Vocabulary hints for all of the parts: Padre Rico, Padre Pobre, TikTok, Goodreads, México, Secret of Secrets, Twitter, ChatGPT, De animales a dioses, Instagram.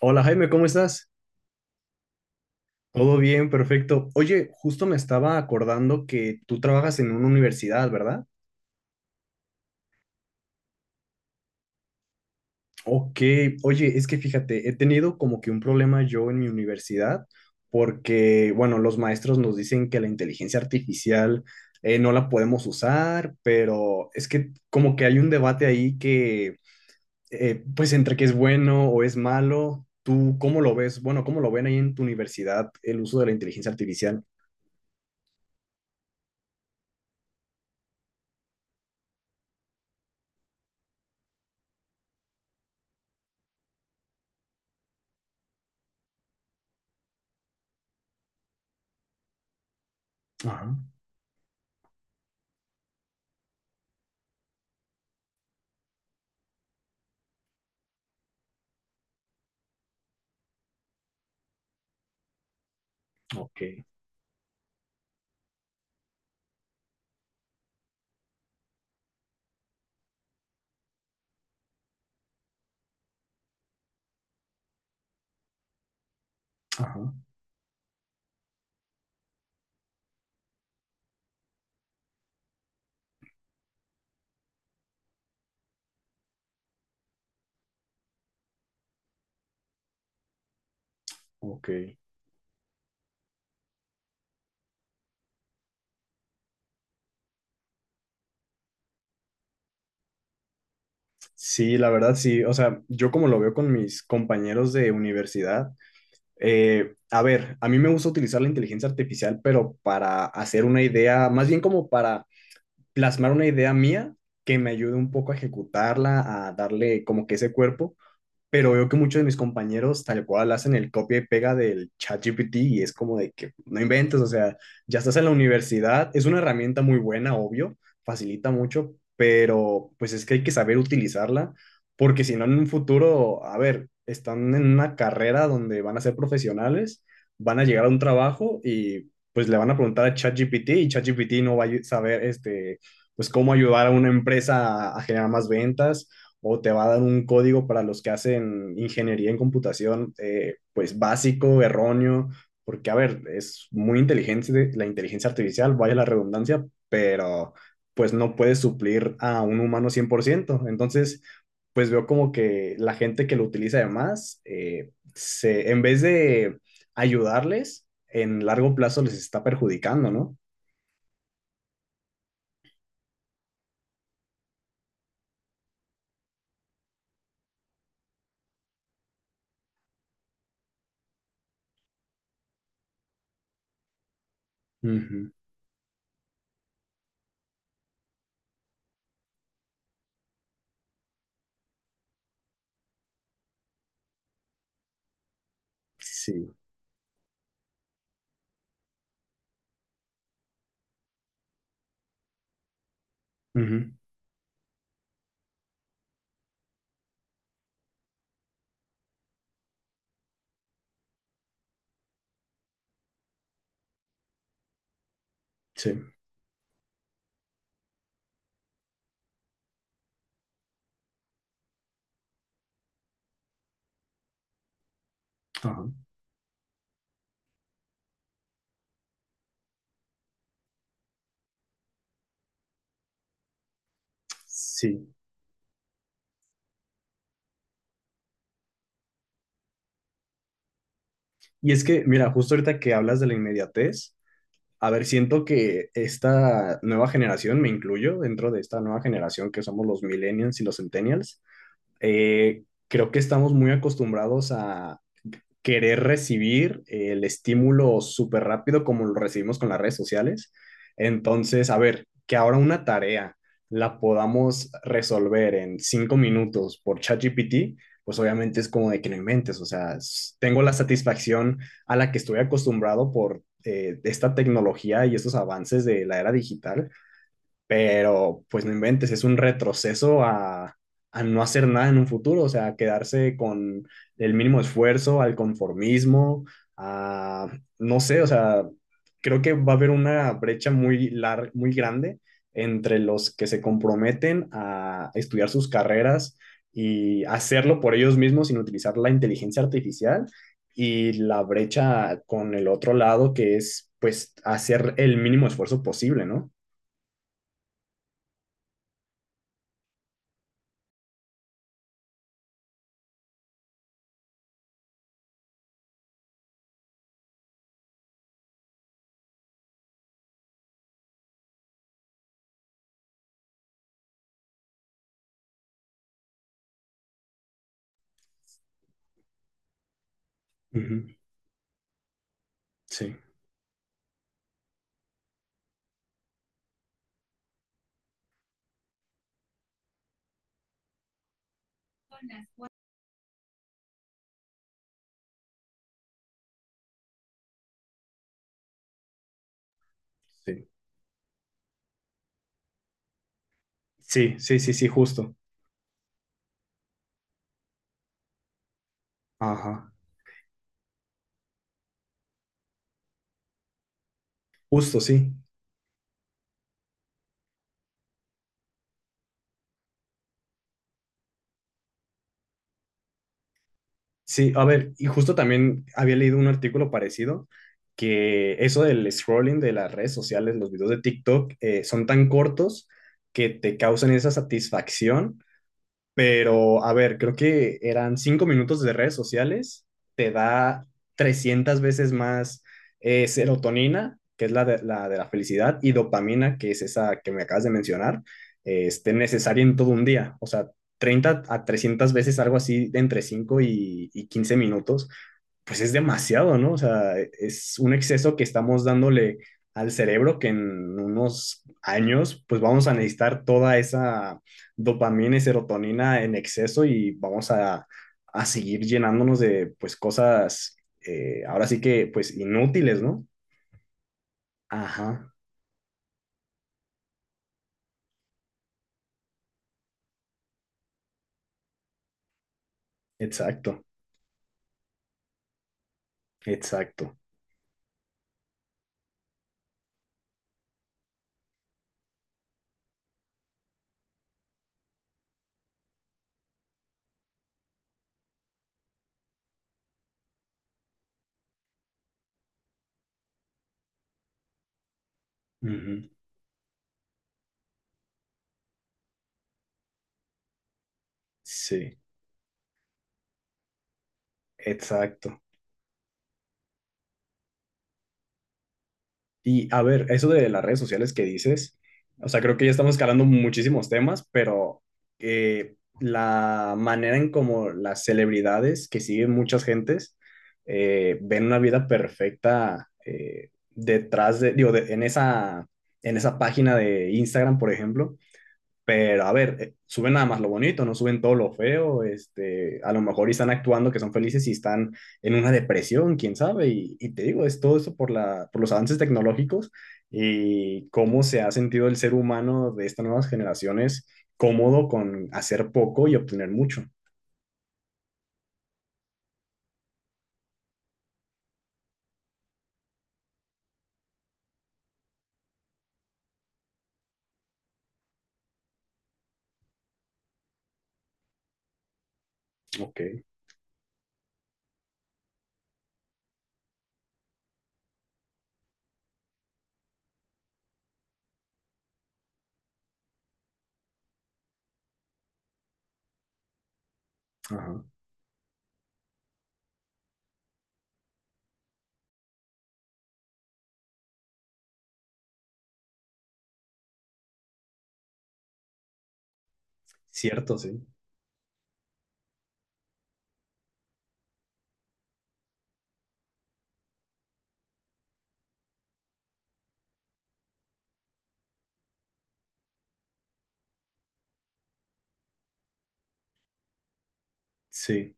Hola Jaime, ¿cómo estás? Todo bien, perfecto. Oye, justo me estaba acordando que tú trabajas en una universidad, ¿verdad? Ok, oye, es que fíjate, he tenido como que un problema yo en mi universidad porque, bueno, los maestros nos dicen que la inteligencia artificial no la podemos usar, pero es que como que hay un debate ahí que, pues entre que es bueno o es malo, ¿tú cómo lo ves? Bueno, ¿cómo lo ven ahí en tu universidad el uso de la inteligencia artificial? Ajá, ok. Ajá. Ok. Sí, la verdad sí. O sea, yo como lo veo con mis compañeros de universidad, a ver, a mí me gusta utilizar la inteligencia artificial, pero para hacer una idea, más bien como para plasmar una idea mía que me ayude un poco a ejecutarla, a darle como que ese cuerpo. Pero veo que muchos de mis compañeros tal cual hacen el copia y pega del ChatGPT y es como de que no inventes, o sea, ya estás en la universidad, es una herramienta muy buena, obvio, facilita mucho, pero pues es que hay que saber utilizarla, porque si no en un futuro, a ver, están en una carrera donde van a ser profesionales, van a llegar a un trabajo y pues le van a preguntar a ChatGPT y ChatGPT no va a saber pues cómo ayudar a una empresa a generar más ventas o te va a dar un código para los que hacen ingeniería en computación, pues básico, erróneo, porque a ver, es muy inteligente la inteligencia artificial, vaya la redundancia, pero pues no puede suplir a un humano 100%. Entonces, pues veo como que la gente que lo utiliza además, en vez de ayudarles, en largo plazo les está perjudicando, ¿no? Ujú. Sí. Ujú. Sí. Ajá. Sí. Y es que, mira, justo ahorita que hablas de la inmediatez, a ver, siento que esta nueva generación, me incluyo dentro de esta nueva generación que somos los millennials y los centennials, eh, creo que estamos muy acostumbrados a querer recibir el estímulo súper rápido como lo recibimos con las redes sociales. Entonces, a ver, que ahora una tarea la podamos resolver en 5 minutos por ChatGPT, pues obviamente es como de que no inventes, o sea, tengo la satisfacción a la que estoy acostumbrado por esta tecnología y estos avances de la era digital, pero pues no inventes, es un retroceso a no hacer nada en un futuro, o sea, quedarse con el mínimo esfuerzo, al conformismo, a, no sé, o sea, creo que va a haber una brecha muy grande entre los que se comprometen a estudiar sus carreras y hacerlo por ellos mismos sin utilizar la inteligencia artificial y la brecha con el otro lado que es pues hacer el mínimo esfuerzo posible, ¿no? Ujú. Sí, sí, sí, sí, sí, sí, justo. Ajá, justo, sí. Sí, a ver, y justo también había leído un artículo parecido que eso del scrolling de las redes sociales, los videos de TikTok, son tan cortos que te causan esa satisfacción. Pero, a ver, creo que eran 5 minutos de redes sociales, te da 300 veces más serotonina, que es la de la felicidad, y dopamina, que es esa que me acabas de mencionar, necesaria en todo un día. O sea, 30 a 300 veces, algo así, de entre 5 y 15 minutos pues es demasiado, ¿no? O sea, es un exceso que estamos dándole al cerebro que en unos años pues vamos a necesitar toda esa dopamina y serotonina en exceso y vamos a seguir llenándonos de pues cosas ahora sí que pues inútiles, ¿no? Ajá, exacto, exacto. Ujú. Sí, exacto. Y a ver, eso de las redes sociales que dices, o sea, creo que ya estamos escalando muchísimos temas, pero la manera en como las celebridades que siguen muchas gentes ven una vida perfecta detrás de, digo, en esa página de Instagram, por ejemplo, pero a ver, suben nada más lo bonito, no suben todo lo feo, a lo mejor y están actuando que son felices y están en una depresión, quién sabe, y te digo, es todo eso por los avances tecnológicos y cómo se ha sentido el ser humano de estas nuevas generaciones cómodo con hacer poco y obtener mucho. Ok, ajá, cierto, sí, sí.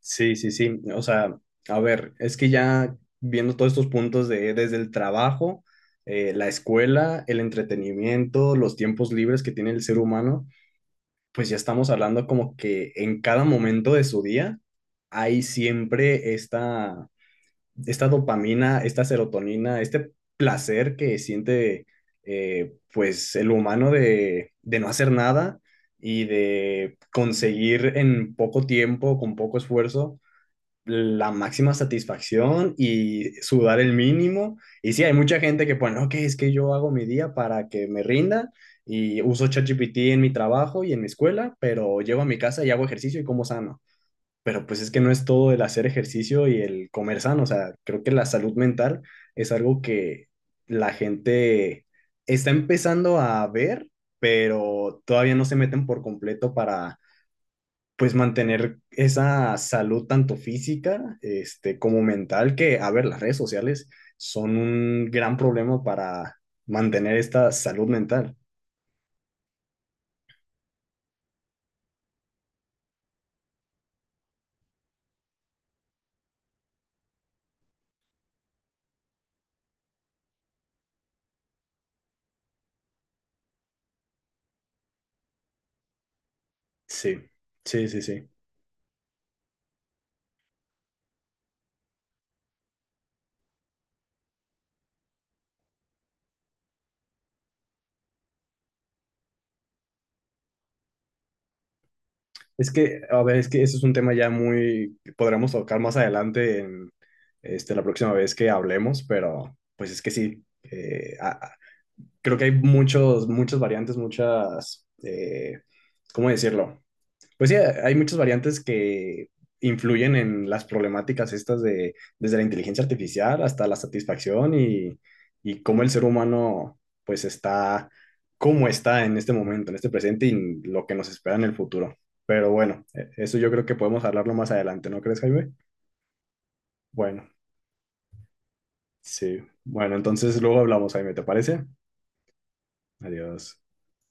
Sí, sí, sí. O sea, a ver, es que ya viendo todos estos puntos de desde el trabajo, la escuela, el entretenimiento, los tiempos libres que tiene el ser humano, pues ya estamos hablando como que en cada momento de su día hay siempre esta dopamina, esta serotonina, este placer que siente pues el humano de no hacer nada y de conseguir en poco tiempo, con poco esfuerzo la máxima satisfacción y sudar el mínimo. Y sí, hay mucha gente que pone, ok, es que yo hago mi día para que me rinda y uso ChatGPT en mi trabajo y en mi escuela, pero llego a mi casa y hago ejercicio y como sano. Pero pues es que no es todo el hacer ejercicio y el comer sano, o sea, creo que la salud mental es algo que la gente está empezando a ver, pero todavía no se meten por completo para pues mantener esa salud tanto física como mental, que, a ver, las redes sociales son un gran problema para mantener esta salud mental. Sí, sí, sí, sí. Es que, a ver, es que eso es un tema ya que podremos tocar más adelante en la próxima vez que hablemos, pero pues es que sí, creo que hay muchas variantes, ¿cómo decirlo? Pues sí, hay muchas variantes que influyen en las problemáticas estas de desde la inteligencia artificial hasta la satisfacción y cómo el ser humano pues cómo está en este momento, en este presente y lo que nos espera en el futuro. Pero bueno, eso yo creo que podemos hablarlo más adelante, ¿no crees, Jaime? Bueno, sí. Bueno, entonces luego hablamos, Jaime, ¿te parece? Adiós.